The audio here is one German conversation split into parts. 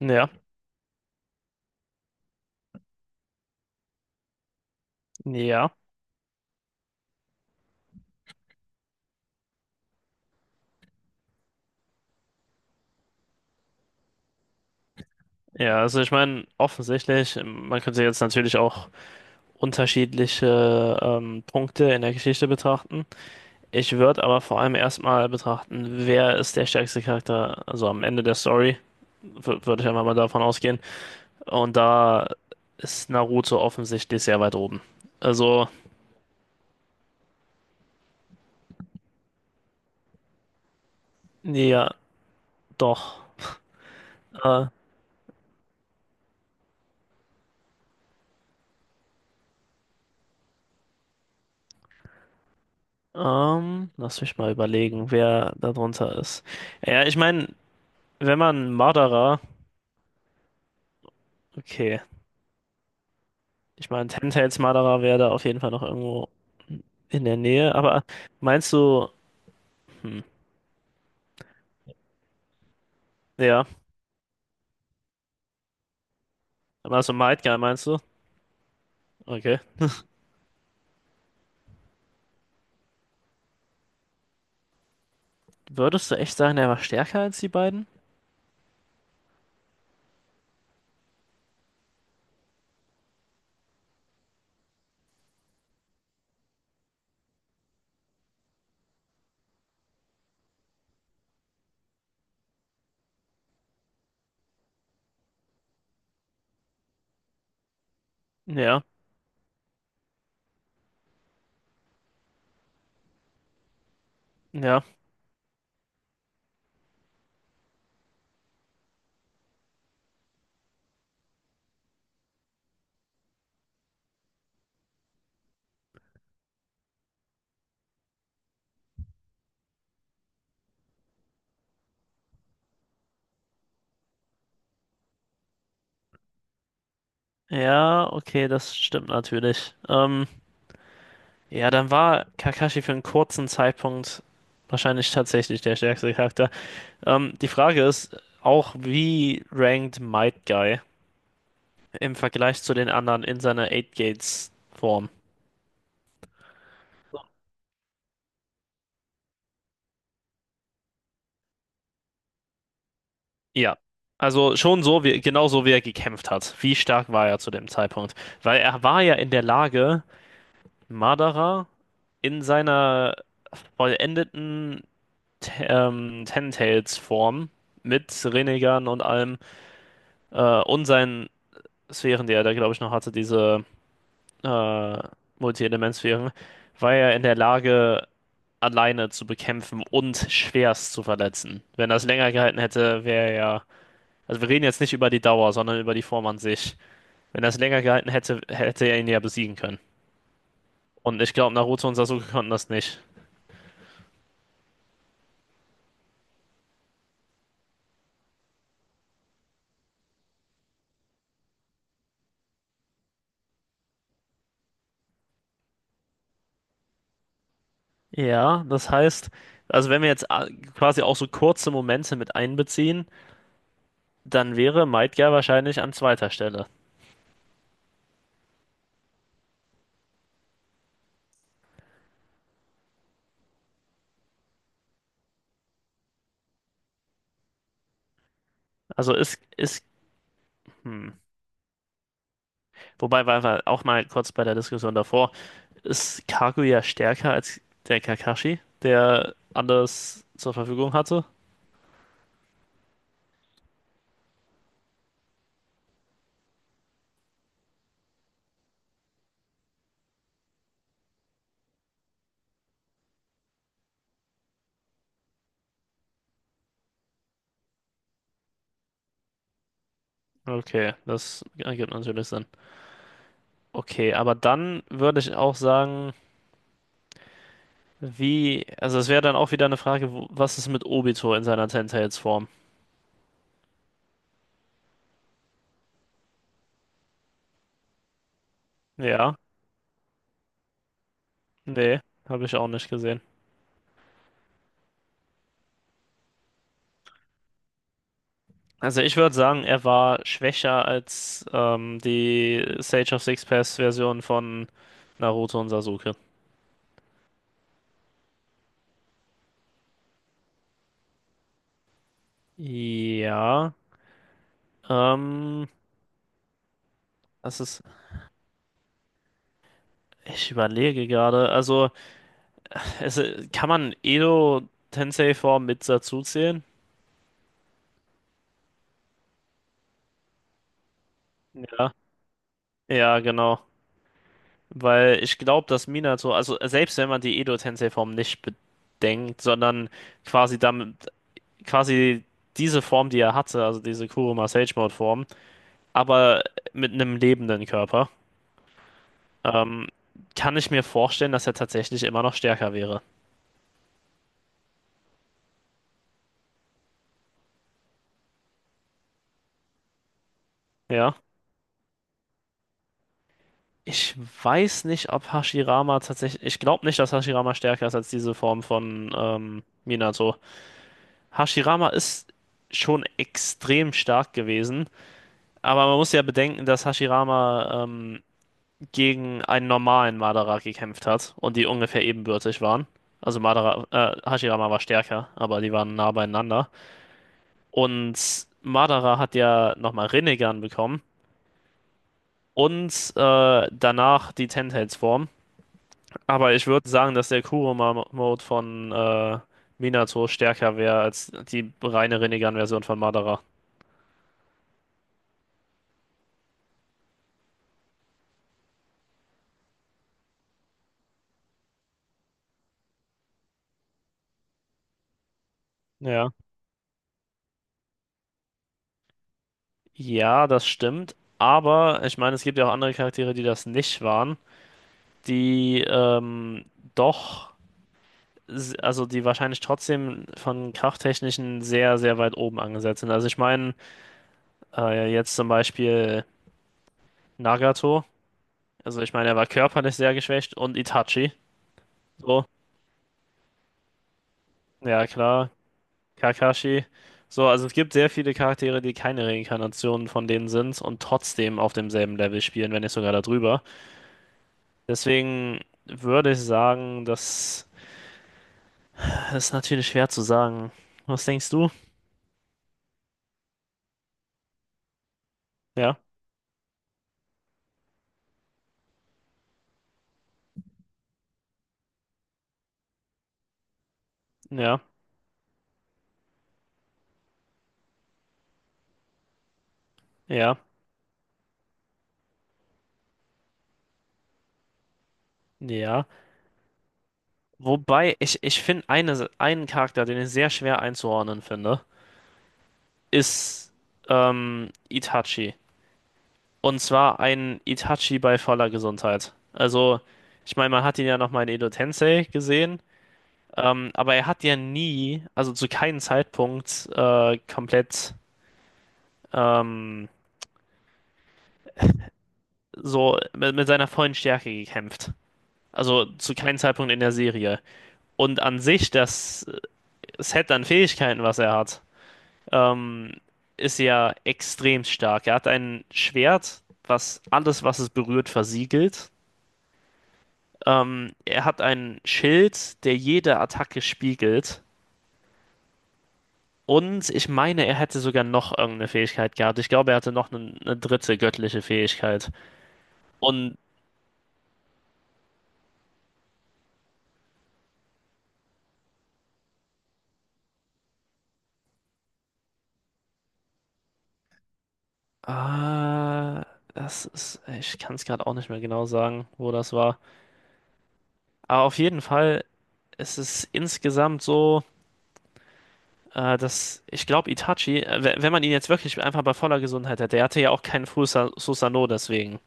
Ja, ja, ja. Also ich meine, offensichtlich, man könnte jetzt natürlich auch unterschiedliche Punkte in der Geschichte betrachten. Ich würde aber vor allem erstmal betrachten, wer ist der stärkste Charakter, also am Ende der Story, würde ich einfach mal davon ausgehen. Und da ist Naruto offensichtlich sehr weit oben. Also, ja, doch. Äh, lass mich mal überlegen, wer da drunter ist. Ja, ich meine, wenn man Madara, okay. Ich meine, Telltales Marderer wäre da auf jeden Fall noch irgendwo in der Nähe. Aber meinst du, hm, ja, also Might Guy meinst du? Okay. Würdest du echt sagen, er war stärker als die beiden? Ja, ja. Ja, okay, das stimmt natürlich. Ja, dann war Kakashi für einen kurzen Zeitpunkt wahrscheinlich tatsächlich der stärkste Charakter. Die Frage ist auch, wie rankt Might Guy im Vergleich zu den anderen in seiner Eight Gates Form? Ja, also schon so, wie, genau so, wie er gekämpft hat. Wie stark war er zu dem Zeitpunkt? Weil er war ja in der Lage, Madara in seiner vollendeten Ten Tails Form mit Rinnegan und allem und seinen Sphären, die er da, glaube ich, noch hatte, diese äh, Multi-Element-Sphären, war er in der Lage, alleine zu bekämpfen und schwerst zu verletzen. Wenn das länger gehalten hätte, wäre er ja. Also wir reden jetzt nicht über die Dauer, sondern über die Form an sich. Wenn er es länger gehalten hätte, hätte er ihn ja besiegen können. Und ich glaube, Naruto und Sasuke konnten das nicht. Ja, das heißt, also wenn wir jetzt quasi auch so kurze Momente mit einbeziehen, dann wäre Madara wahrscheinlich an zweiter Stelle. Also ist, hm. Wobei, weil wir auch mal kurz bei der Diskussion davor, ist Kaguya stärker als der Kakashi, der alles zur Verfügung hatte? Okay, das ergibt natürlich Sinn. Okay, aber dann würde ich auch sagen, wie, also es wäre dann auch wieder eine Frage, wo, was ist mit Obito in seiner Ten-Tails-Form? Ja, nee, habe ich auch nicht gesehen. Also ich würde sagen, er war schwächer als die Sage of Six Paths-Version von Naruto und Sasuke. Ja, ähm, das ist, ich überlege gerade, also es, kann man Edo Tensei-Form mit dazu zählen? Ja, ja, genau. Weil ich glaube, dass Minato, also selbst wenn man die Edo-Tensei-Form nicht bedenkt, sondern quasi damit, quasi diese Form, die er hatte, also diese Kuruma Sage Mode-Form, aber mit einem lebenden Körper, ähm, kann ich mir vorstellen, dass er tatsächlich immer noch stärker wäre. Ja. Ich weiß nicht, ob Hashirama tatsächlich. Ich glaube nicht, dass Hashirama stärker ist als diese Form von Minato. Hashirama ist schon extrem stark gewesen. Aber man muss ja bedenken, dass Hashirama gegen einen normalen Madara gekämpft hat und die ungefähr ebenbürtig waren. Also Madara, Hashirama war stärker, aber die waren nah beieinander. Und Madara hat ja nochmal Rinnegan bekommen und danach die Ten-Tails-Form. Aber ich würde sagen, dass der Kurama-Mode von Minato stärker wäre als die reine Rinnegan-Version von Madara. Ja. Ja, das stimmt. Aber ich meine, es gibt ja auch andere Charaktere, die das nicht waren, die doch, also die wahrscheinlich trotzdem von krafttechnischen sehr, sehr weit oben angesetzt sind. Also ich meine, jetzt zum Beispiel Nagato, also ich meine, er war körperlich sehr geschwächt und Itachi, so, ja klar, Kakashi, so, also es gibt sehr viele Charaktere, die keine Reinkarnationen von denen sind und trotzdem auf demselben Level spielen, wenn nicht sogar darüber. Deswegen würde ich sagen, das ist natürlich schwer zu sagen. Was denkst du? Ja, ja. Ja. Ja. Wobei, ich finde einen Charakter, den ich sehr schwer einzuordnen finde, ist Itachi. Und zwar ein Itachi bei voller Gesundheit. Also, ich meine, man hat ihn ja nochmal in Edo Tensei gesehen, aber er hat ja nie, also zu keinem Zeitpunkt, komplett ähm, so mit seiner vollen Stärke gekämpft. Also zu keinem Zeitpunkt in der Serie. Und an sich, das Set an Fähigkeiten, was er hat. ähm, ist ja extrem stark. Er hat ein Schwert, was alles, was es berührt, versiegelt. Er hat ein Schild, der jede Attacke spiegelt. Und ich meine, er hätte sogar noch irgendeine Fähigkeit gehabt. Ich glaube, er hatte noch eine dritte göttliche Fähigkeit. Und äh, das ist, ich kann es gerade auch nicht mehr genau sagen, wo das war. Aber auf jeden Fall ist es insgesamt so. Das, ich glaube, Itachi, wenn man ihn jetzt wirklich einfach bei voller Gesundheit hätte, der hatte ja auch keinen Susanoo deswegen.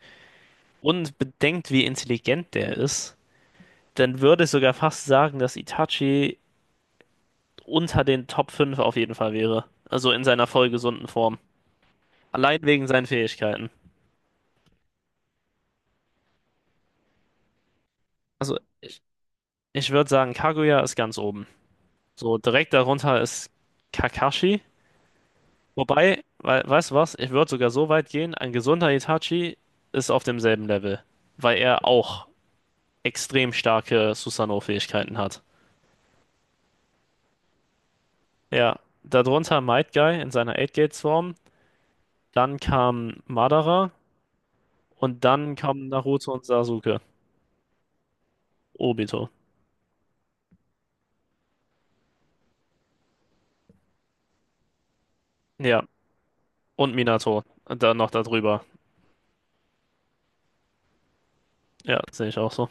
Und bedenkt, wie intelligent der ist, dann würde ich sogar fast sagen, dass Itachi unter den Top 5 auf jeden Fall wäre. Also in seiner voll gesunden Form. Allein wegen seinen Fähigkeiten. Also ich würde sagen, Kaguya ist ganz oben. So direkt darunter ist Kakashi. Wobei, weißt du was? Ich würde sogar so weit gehen, ein gesunder Itachi ist auf demselben Level, weil er auch extrem starke Susanoo-Fähigkeiten hat. Ja, darunter Might Guy in seiner Eight gate form, dann kam Madara und dann kamen Naruto und Sasuke, Obito. Ja, und Minato, dann noch darüber. Ja, sehe ich auch so.